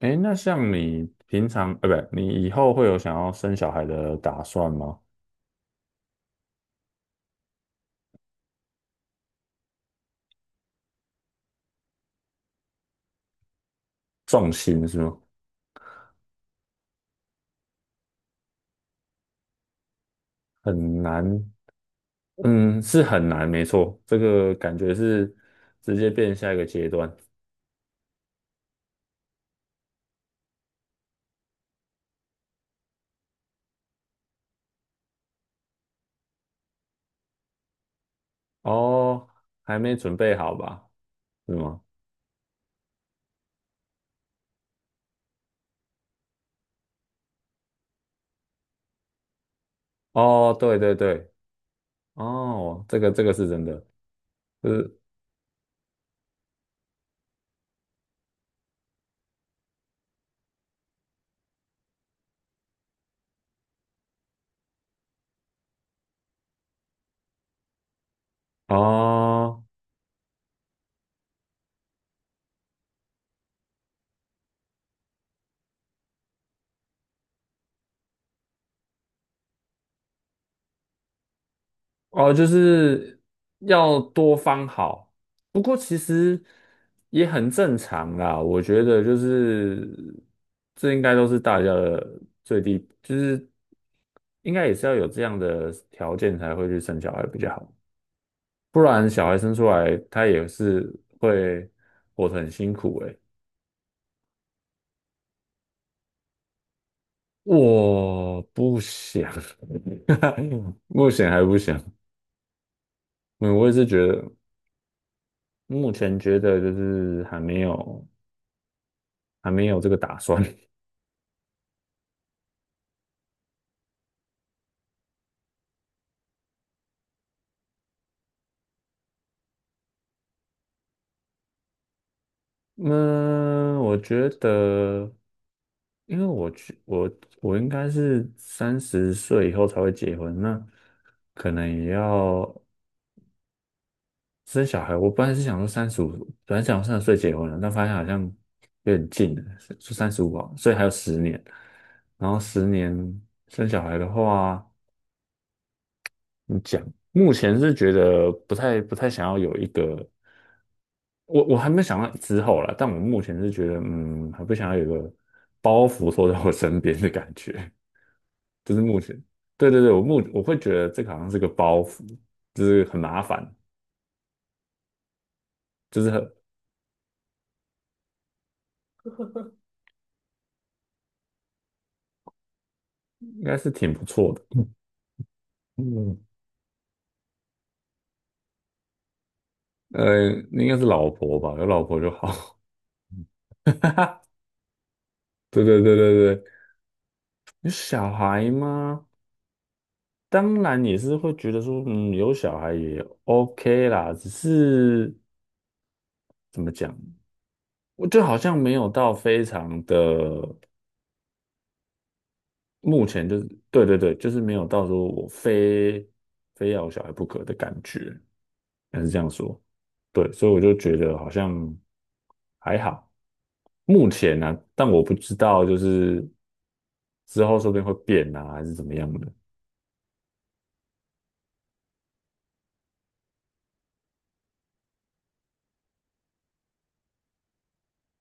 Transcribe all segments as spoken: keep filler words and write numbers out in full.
哎，那像你平常，呃，不，你以后会有想要生小孩的打算吗？重心是吗？很难，嗯，是很难，没错，这个感觉是直接变下一个阶段。哦，还没准备好吧？是吗？哦，对对对，哦，这个这个是真的，就是哦。哦，就是要多方好，不过其实也很正常啦。我觉得就是这应该都是大家的最低，就是应该也是要有这样的条件才会去生小孩比较好，不然小孩生出来他也是会活得很辛苦诶。我不想，目前还不想。嗯，我也是觉得，目前觉得就是还没有。还没有这个打算。嗯，我觉得，因为我去，我我应该是三十岁以后才会结婚，那可能也要生小孩。我本来是想说三十五，本来想三十岁结婚的，但发现好像有点近了，就三十五啊，所以还有十年。然后十年生小孩的话。你讲，目前是觉得不太不太想要有一个，我我还没想到之后啦，但我目前是觉得，嗯，还不想要有一个包袱坐在我身边的感觉，就是目前，对对对，我目我会觉得这个好像是个包袱，就是很麻烦，就是很应该是挺不错的，嗯，呃，应该是老婆吧，有老婆就好，对对对对对，有小孩吗？当然也是会觉得说，嗯，有小孩也 OK 啦，只是怎么讲？我就好像没有到非常的，目前就是对对对，就是没有到说我非非要有小孩不可的感觉，还是这样说。对，所以我就觉得好像还好，目前呢、啊但我不知道就是之后说不定会变啊，还是怎么样的。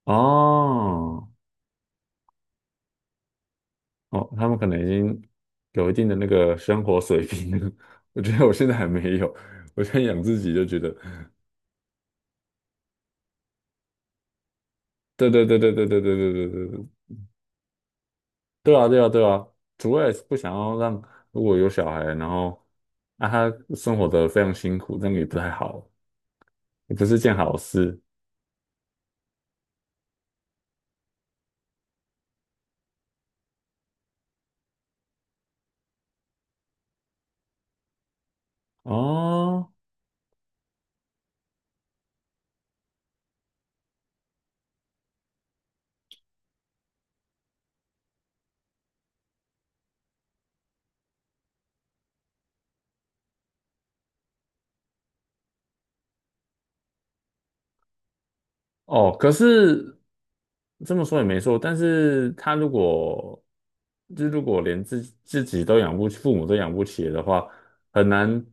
哦哦，他们可能已经有一定的那个生活水平了。我觉得我现在还没有，我现在养自己就觉得对对对对对对对对对对对，对啊对啊对啊，主要也是不想要让如果有小孩，然后啊他生活的非常辛苦，那样也不太好，也不是件好事哦哦。可是这么说也没错，但是他如果就如果连自自己都养不起，父母都养不起的话，很难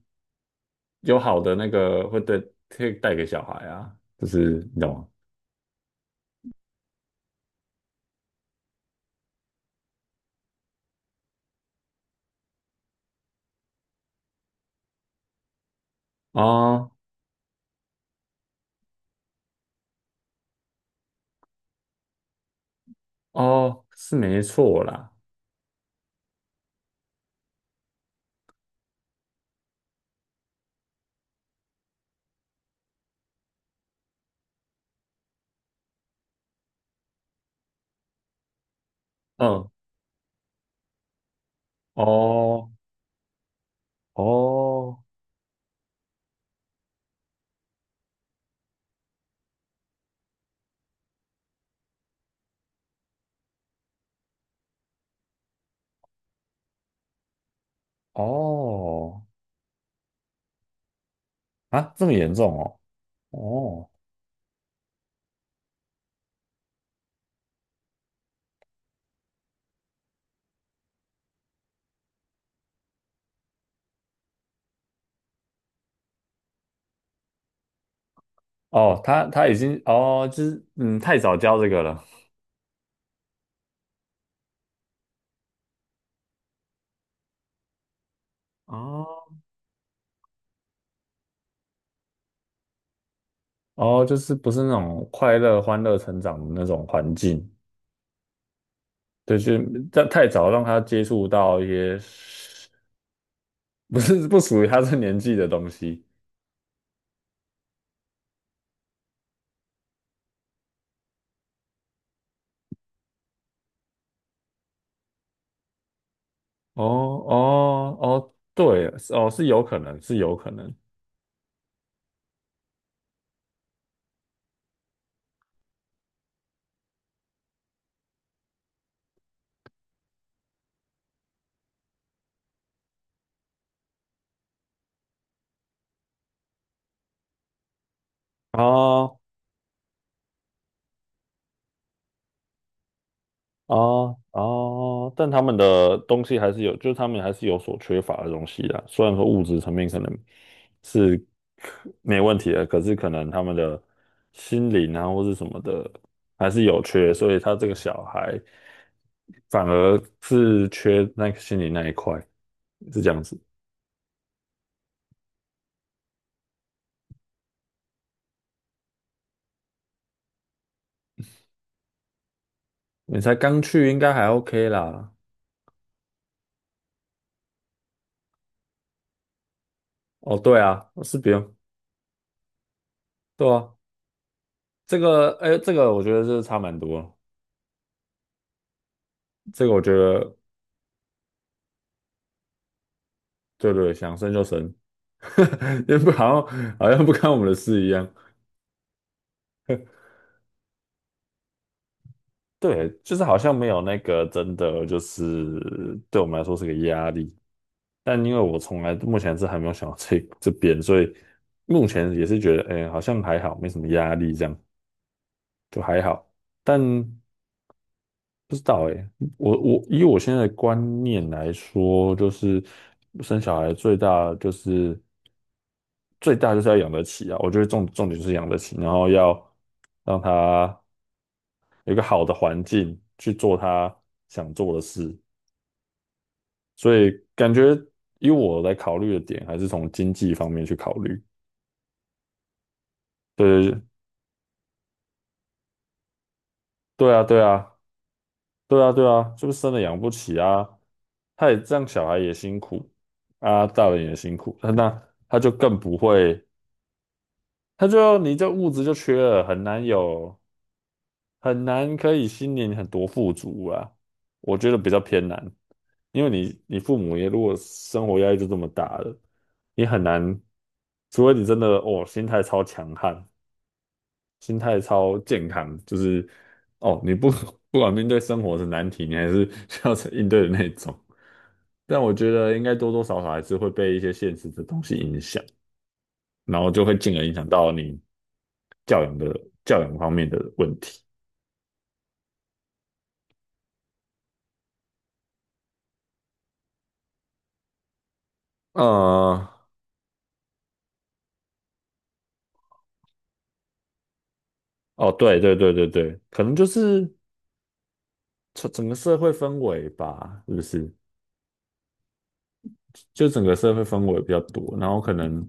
有好的那个会对可以带给小孩啊，就是你懂吗？啊哦，是没错啦。嗯，哦，哦，哦，啊，这么严重哦，哦，哦，他他已经，哦，就是嗯，太早教这个了，哦，哦，就是不是那种快乐、欢乐成长的那种环境，对，就太太早让他接触到一些不是不属于他这年纪的东西，哦，哦，哦，对，哦，是有可能，是有可能。哦哦哦，但他们的东西还是有，就是他们还是有所缺乏的东西啦。虽然说物质层面可能是可没问题的，可是可能他们的心灵啊或是什么的还是有缺，所以他这个小孩反而是缺那个心理那一块，是这样子。你才刚去，应该还 OK 啦。哦，对啊，是不用，对啊，这个，哎，这个我觉得是差蛮多了这个我觉得对对，想生就生，也不好像好像不干我们的事一样。对，就是好像没有那个真的，就是对我们来说是个压力。但因为我从来目前是还没有想到这 这边，所以目前也是觉得，哎、好像还好，没什么压力，这样就还好。但不知道诶，我我以我现在的观念来说，就是生小孩最大就是最大就是要养得起啊。我觉得重重点就是养得起，然后要让他有一个好的环境去做他想做的事。所以感觉以我来考虑的点，还是从经济方面去考虑。对对对啊，对啊，对啊，对啊，就是生了养不起啊。他也这样，小孩也辛苦啊，大人也辛苦，那他就更不会，他就你这物质就缺了，很难有，很难可以心灵很多富足啊。我觉得比较偏难，因为你你父母也如果生活压力就这么大了，你很难，除非你真的哦心态超强悍，心态超健康，就是哦，你不 不管面对生活的难题，你还是 需要应对的那种。但我觉得应该多多少少还是会被一些现实的东西影响，然后就会进而影响到你教养的教养方面的问题。呃，哦，对对对对对，可能就是整整个社会氛围吧，是不是？就整个社会氛围比较多，然后可能，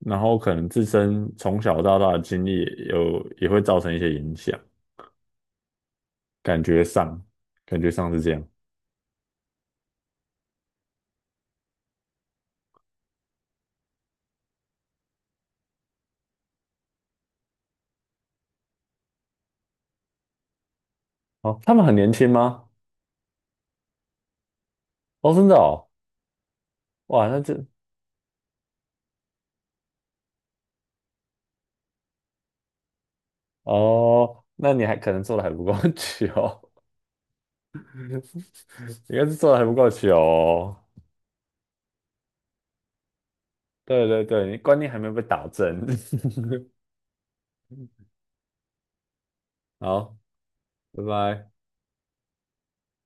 然后可能自身从小到大的经历也有也会造成一些影响。感觉上，感觉上是这样。哦，他们很年轻吗？哦，真的哦，哇，那这哦，那你还可能做的还不够 久，应该是做的还不够久哦。对对对，你观念还没有被打正。好，拜拜。